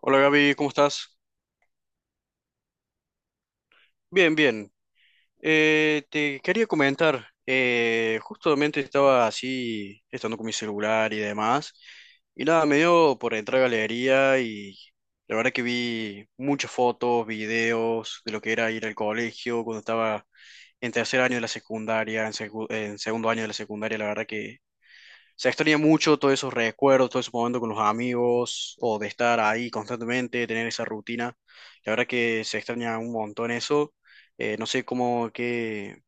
Hola Gaby, ¿cómo estás? Bien, bien. Te quería comentar, justamente estaba así, estando con mi celular y demás, y nada, me dio por entrar a galería y la verdad que vi muchas fotos, videos de lo que era ir al colegio cuando estaba en tercer año de la secundaria, en, en segundo año de la secundaria, la verdad que se extraña mucho todos esos recuerdos, todo ese momento con los amigos, o de estar ahí constantemente, de tener esa rutina. La verdad que se extraña un montón eso. No sé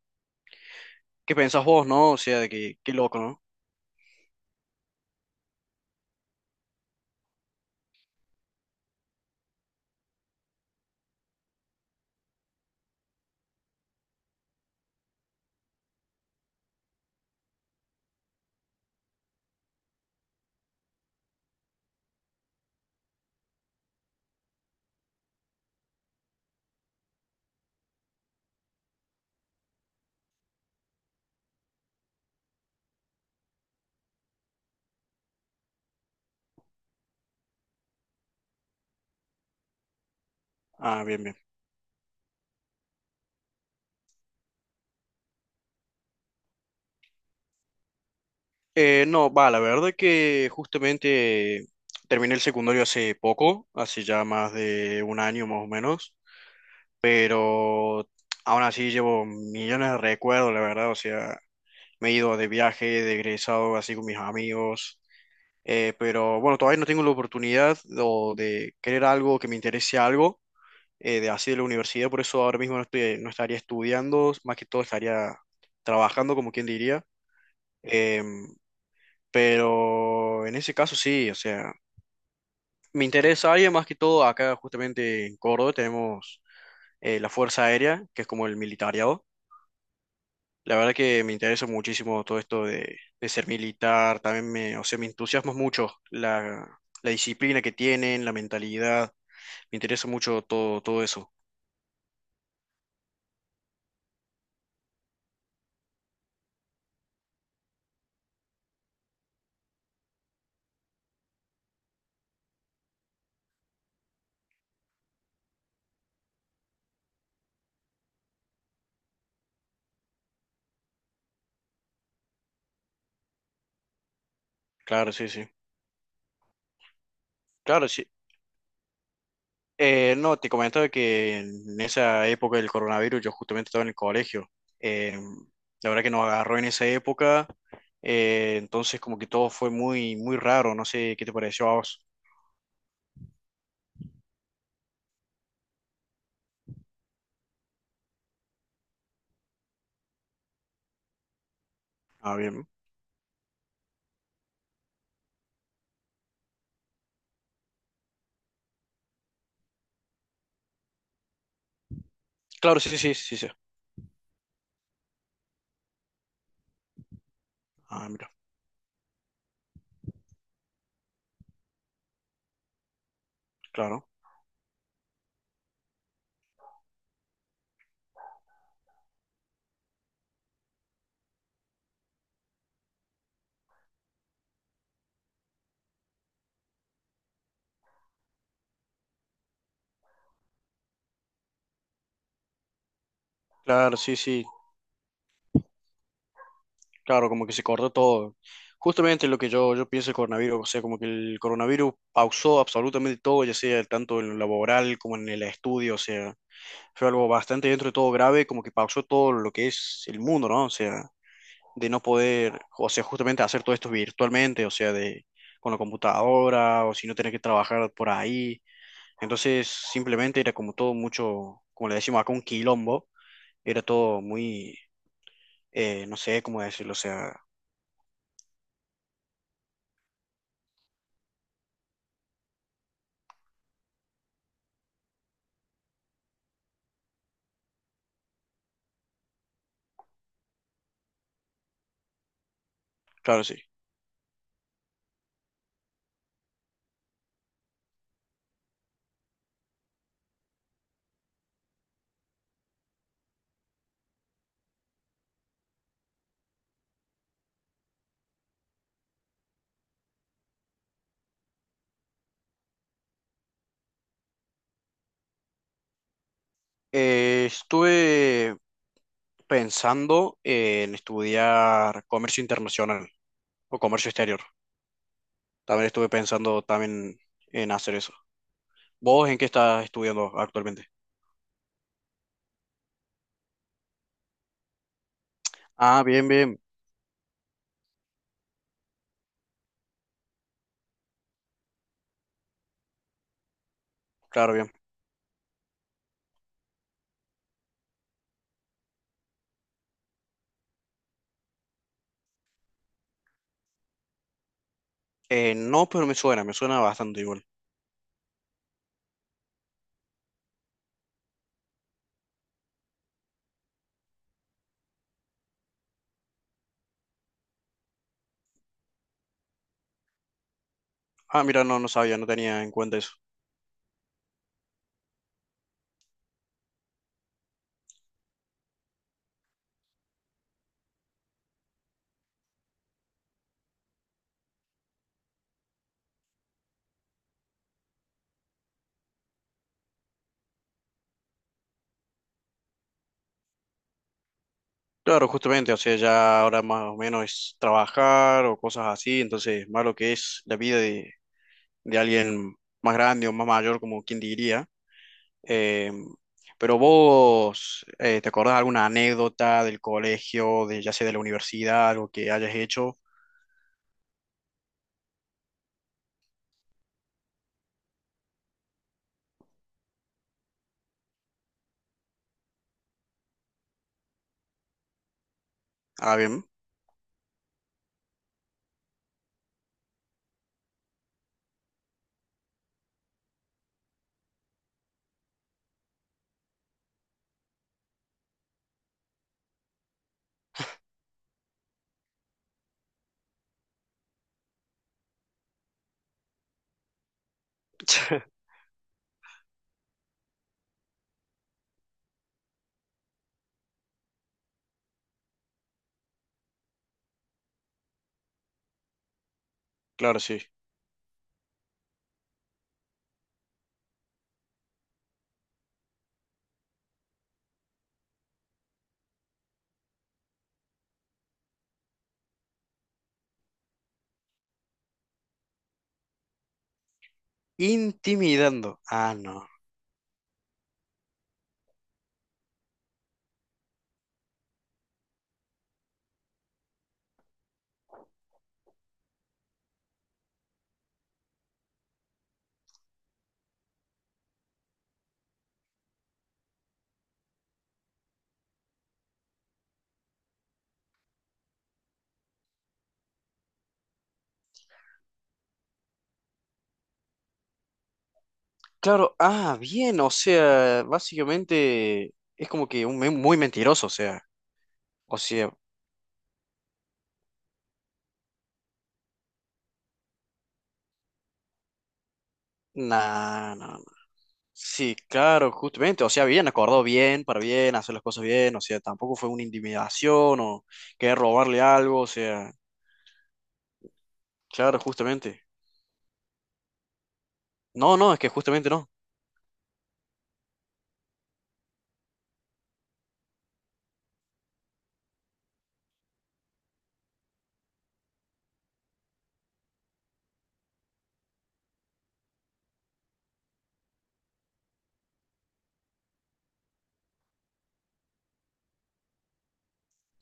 qué pensás vos, ¿no? O sea, de que, qué loco, ¿no? Ah, bien, bien. No, va, la verdad que justamente terminé el secundario hace poco, hace ya más de un año más o menos, pero aún así llevo millones de recuerdos, la verdad, o sea, me he ido de viaje, de egresado así con mis amigos. Pero bueno, todavía no tengo la oportunidad o de querer algo que me interese algo de así de la universidad, por eso ahora mismo no estoy, no estaría estudiando, más que todo estaría trabajando, como quien diría. Em, pero en ese caso sí, o sea, me interesa área más que todo acá justamente en Córdoba tenemos la Fuerza Aérea, que es como el militariado. La verdad que me interesa muchísimo todo esto de ser militar, también me, o sea, me entusiasma mucho la, la disciplina que tienen, la mentalidad. Me interesa mucho todo, todo eso. Claro, sí, sí. Claro, sí. No, te comentaba que en esa época del coronavirus yo justamente estaba en el colegio. Eh, la verdad que nos agarró en esa época. Entonces como que todo fue muy, muy raro. No sé qué te pareció a vos. Ah, bien. Claro, sí, sí, sí, sí. Ah, mira. Claro. Claro, sí, sí. Claro, como que se cortó todo. Justamente lo que yo pienso del coronavirus. O sea, como que el coronavirus pausó absolutamente todo, ya sea tanto en lo laboral como en el estudio. O sea, fue algo bastante dentro de todo grave, como que pausó todo lo que es el mundo, ¿no? O sea, de no poder, o sea, justamente hacer todo esto virtualmente, o sea, de con la computadora, o si no tener que trabajar por ahí. Entonces, simplemente era como todo mucho, como le decimos acá, un quilombo, era todo muy, no sé cómo decirlo, o sea, claro, sí. Estuve pensando en estudiar comercio internacional o comercio exterior. También estuve pensando también en hacer eso. ¿Vos en qué estás estudiando actualmente? Ah, bien, bien, claro, bien. No, pero me suena bastante igual. Ah, mira, no, no sabía, no tenía en cuenta eso. Claro, justamente, o sea, ya ahora más o menos es trabajar o cosas así, entonces más lo que es la vida de alguien más grande o más mayor, como quien diría. Eh, pero vos, ¿te acordás alguna anécdota del colegio, de ya sea de la universidad, algo que hayas hecho? Ah, bien. Claro, sí. ¿Intimidando? Ah, no. Claro, ah, bien, o sea, básicamente es como que un, muy mentiroso, o sea, nah, nah, nah. Sí, claro, justamente, o sea, bien, acordó bien, para bien, hacer las cosas bien, o sea, tampoco fue una intimidación o querer robarle algo, o sea, claro, justamente. No, no, es que justamente no,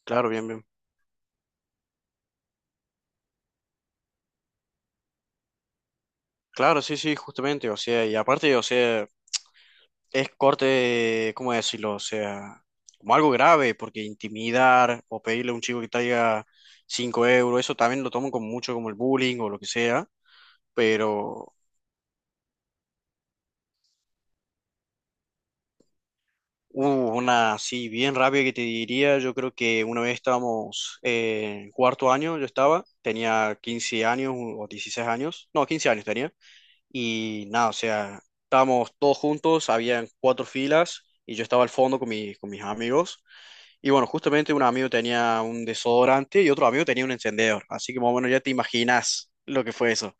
claro, bien, bien. Claro, sí, sí, justamente, o sea, y aparte, o sea, es corte, ¿cómo decirlo? O sea, como algo grave, porque intimidar o pedirle a un chico que traiga 5 euros, eso también lo toman como mucho como el bullying o lo que sea, pero hubo una así bien rápida que te diría, yo creo que una vez estábamos en 4.º año, yo estaba, tenía 15 años o 16 años, no, 15 años tenía. Y nada, o sea, estábamos todos juntos, habían 4 filas y yo estaba al fondo con, con mis amigos. Y bueno, justamente un amigo tenía un desodorante y otro amigo tenía un encendedor. Así que más o menos ya te imaginas lo que fue eso.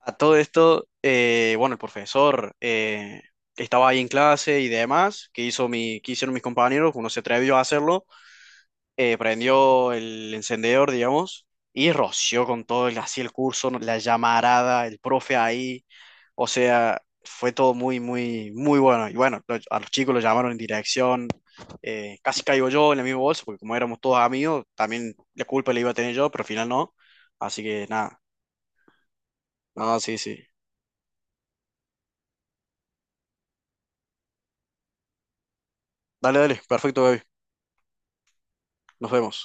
A todo esto, bueno, el profesor estaba ahí en clase y demás, que hizo mi, que hicieron mis compañeros, uno se atrevió a hacerlo prendió el encendedor, digamos, y roció con todo el, así el curso, ¿no?, la llamarada, el profe ahí. O sea, fue todo muy, muy, muy bueno. Y bueno, a los chicos los llamaron en dirección. Casi caigo yo en el mismo bolso, porque como éramos todos amigos, también la culpa la iba a tener yo, pero al final no. Así que nada, nada, sí, sí. Dale, dale, perfecto, baby. Nos vemos.